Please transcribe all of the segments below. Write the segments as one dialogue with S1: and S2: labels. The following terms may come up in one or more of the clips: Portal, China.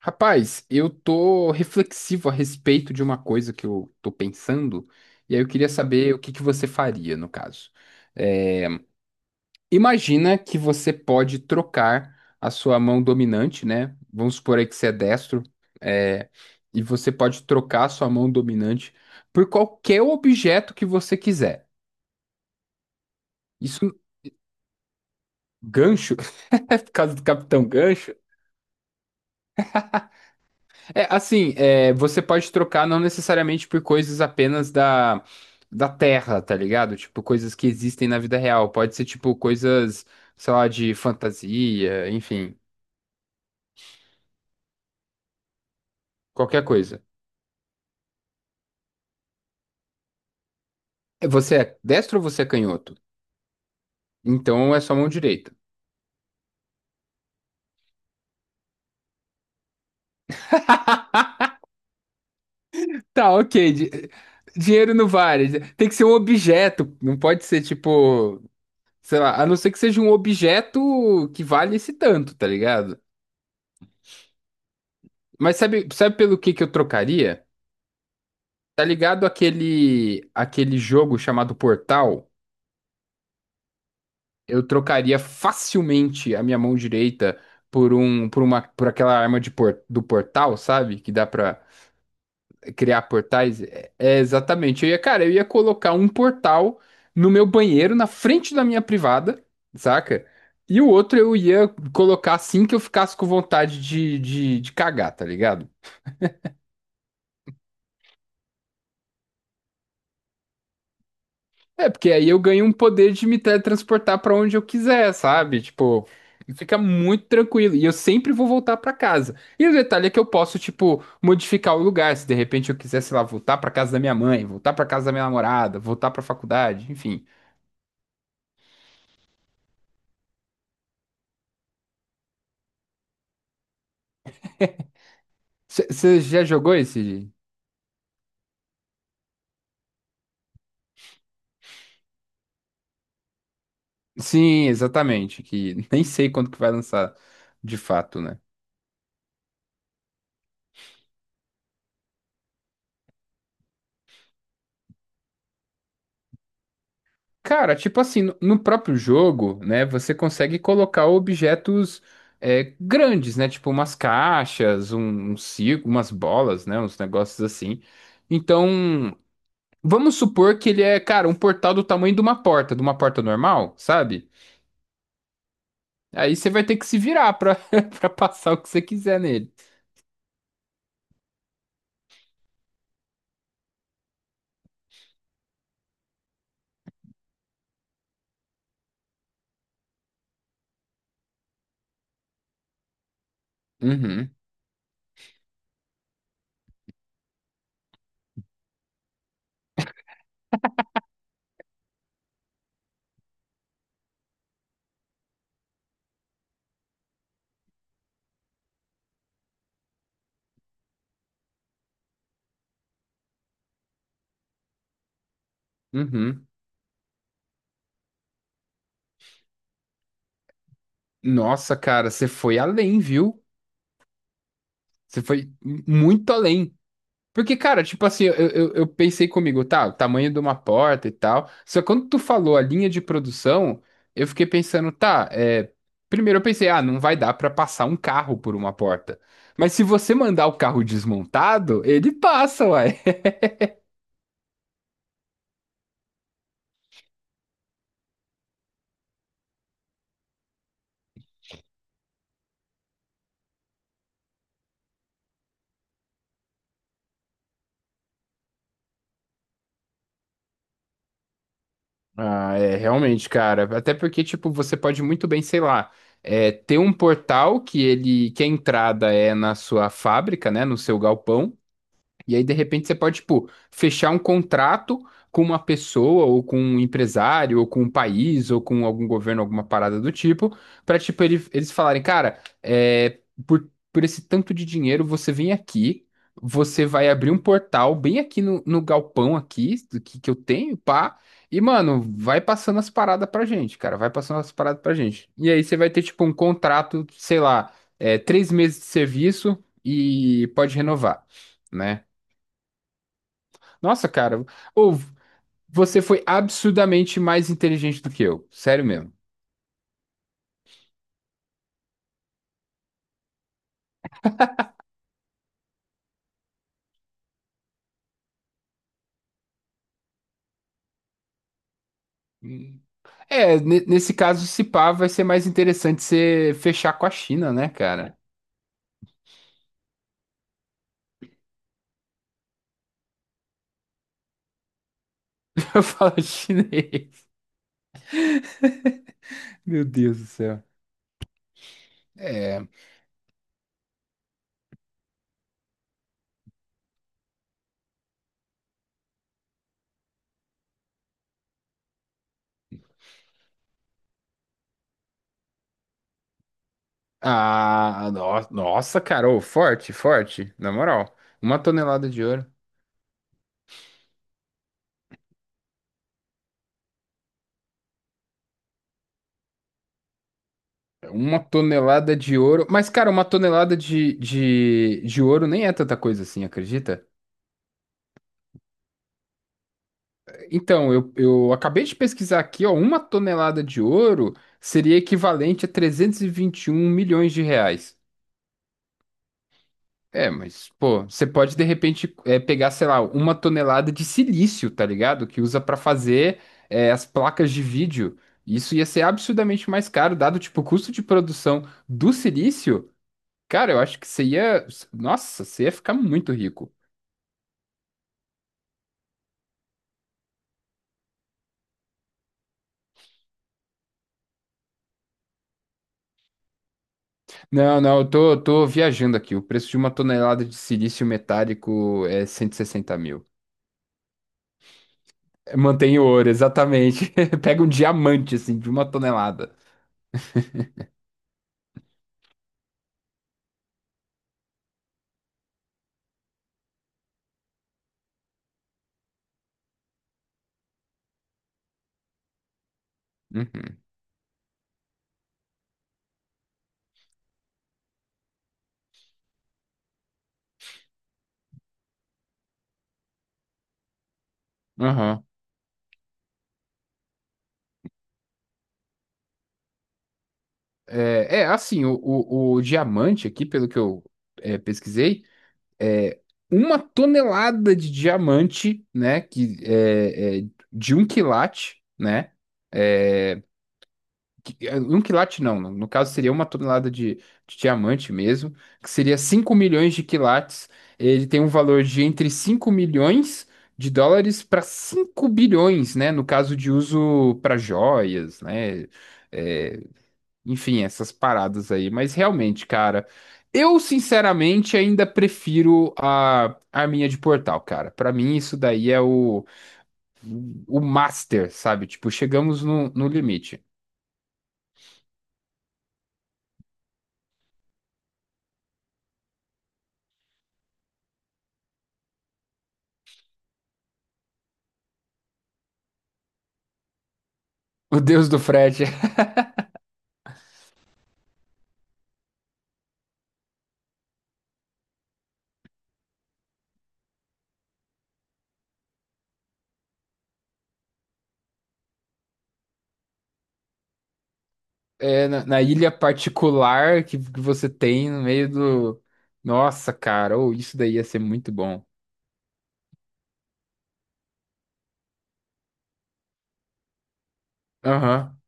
S1: Rapaz, eu tô reflexivo a respeito de uma coisa que eu tô pensando, e aí eu queria saber o que que você faria no caso. É, Imagina que você pode trocar a sua mão dominante, né? Vamos supor aí que você é destro, é, e você pode trocar a sua mão dominante por qualquer objeto que você quiser. Isso, gancho, por causa do Capitão Gancho. Assim, você pode trocar não necessariamente por coisas apenas da Terra, tá ligado? Tipo, coisas que existem na vida real. Pode ser, tipo, coisas, sei lá, de fantasia, enfim, qualquer coisa. Você é destro ou você é canhoto? Então é só mão direita. Tá, ok. Dinheiro não vale. Tem que ser um objeto. Não pode ser, tipo, sei lá, a não ser que seja um objeto que vale esse tanto, tá ligado? Mas sabe pelo que eu trocaria? Tá ligado aquele jogo chamado Portal? Eu trocaria facilmente a minha mão direita por aquela arma do portal, sabe? Que dá pra criar portais. É exatamente. Eu ia, cara, eu ia colocar um portal no meu banheiro, na frente da minha privada, saca? E o outro eu ia colocar assim que eu ficasse com vontade de cagar, tá ligado? Porque aí eu ganho um poder de me teletransportar pra onde eu quiser, sabe? Tipo, fica muito tranquilo. E eu sempre vou voltar pra casa. E o detalhe é que eu posso, tipo, modificar o lugar. Se de repente eu quiser, sei lá, voltar pra casa da minha mãe, voltar pra casa da minha namorada, voltar pra faculdade, enfim. Você já jogou esse? Sim, exatamente. Que nem sei quando que vai lançar de fato, né? Cara, tipo assim, no próprio jogo, né, você consegue colocar objetos grandes, né, tipo umas caixas, um circo, umas bolas, né, uns negócios assim. Então, vamos supor que ele é, cara, um portal do tamanho de uma porta normal, sabe? Aí você vai ter que se virar pra, pra passar o que você quiser nele. Uhum, uhum. Nossa, cara, você foi além, viu? Você foi muito além. Porque, cara, tipo assim, eu pensei comigo, tá, o tamanho de uma porta e tal. Só que quando tu falou a linha de produção, eu fiquei pensando, tá. Primeiro eu pensei, ah, não vai dar pra passar um carro por uma porta. Mas se você mandar o carro desmontado, ele passa, uai. Ah, é, realmente, cara. Até porque, tipo, você pode muito bem, sei lá, ter um portal que ele, que a entrada é na sua fábrica, né, no seu galpão. E aí, de repente, você pode, tipo, fechar um contrato com uma pessoa, ou com um empresário, ou com um país, ou com algum governo, alguma parada do tipo, pra, tipo, eles falarem, cara, por esse tanto de dinheiro, você vem aqui, você vai abrir um portal bem aqui no galpão aqui, do que eu tenho, pá, e, mano, vai passando as paradas pra gente, cara, vai passando as paradas pra gente. E aí, você vai ter, tipo, um contrato, sei lá, 3 meses de serviço e pode renovar né? Nossa, cara, ou você foi absurdamente mais inteligente do que eu, sério mesmo. Hum. Nesse caso, se pá, vai ser mais interessante você fechar com a China, né, cara? Eu falo chinês. Meu Deus do céu. É. Ah, nossa, cara, ô, forte, forte, na moral. Uma tonelada de ouro. Uma tonelada de ouro. Mas, cara, uma tonelada de ouro nem é tanta coisa assim, acredita? Então, eu acabei de pesquisar aqui, ó, uma tonelada de ouro seria equivalente a trezentos e vinte e um milhões de reais. Mas, pô, você pode de repente pegar, sei lá, uma tonelada de silício, tá ligado? Que usa pra fazer as placas de vídeo. Isso ia ser absurdamente mais caro, dado tipo o custo de produção do silício. Cara, eu acho que você ia. Nossa, você ia ficar muito rico. Não, não, eu tô viajando aqui. O preço de uma tonelada de silício metálico é 160 mil. Mantém o ouro, exatamente. Pega um diamante, assim, de uma tonelada. Uhum. Aham. Assim, o, o diamante aqui, pelo que eu pesquisei, é uma tonelada de diamante, né? Que é de um quilate, né? é, Um quilate não, no caso seria uma tonelada de diamante mesmo, que seria 5 milhões de quilates. Ele tem um valor de entre 5 milhões de dólares para 5 bilhões, né? No caso de uso para joias, né? é, enfim, essas paradas aí. Mas realmente, cara, eu sinceramente ainda prefiro a arminha de portal, cara. Para mim, isso daí é o, master, sabe? Tipo, chegamos no limite. O deus do frete. Na ilha particular que você tem no meio do. Nossa, cara, ou isso daí ia ser muito bom. Aham.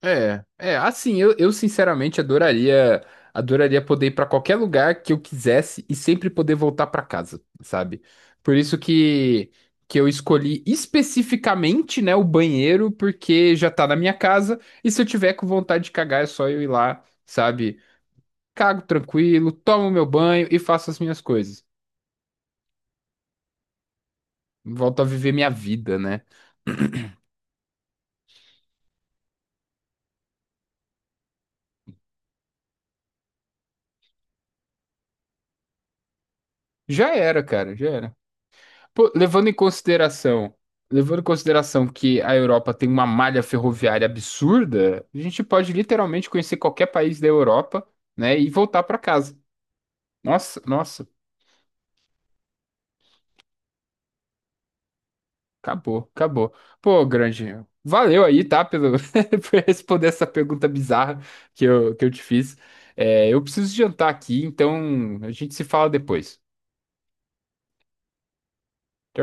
S1: É, assim, eu sinceramente adoraria poder ir pra qualquer lugar que eu quisesse e sempre poder voltar pra casa, sabe? Por isso que eu escolhi especificamente, né, o banheiro, porque já tá na minha casa e se eu tiver com vontade de cagar é só eu ir lá, sabe? Cago tranquilo, tomo meu banho e faço as minhas coisas. Volto a viver minha vida, né? Já era, cara, já era. Pô, levando em consideração que a Europa tem uma malha ferroviária absurda, a gente pode literalmente conhecer qualquer país da Europa, né, e voltar pra casa. Nossa, nossa, acabou, acabou. Pô, grande, valeu aí, tá, pelo por responder essa pergunta bizarra que eu te fiz. Eu preciso jantar aqui, então a gente se fala depois.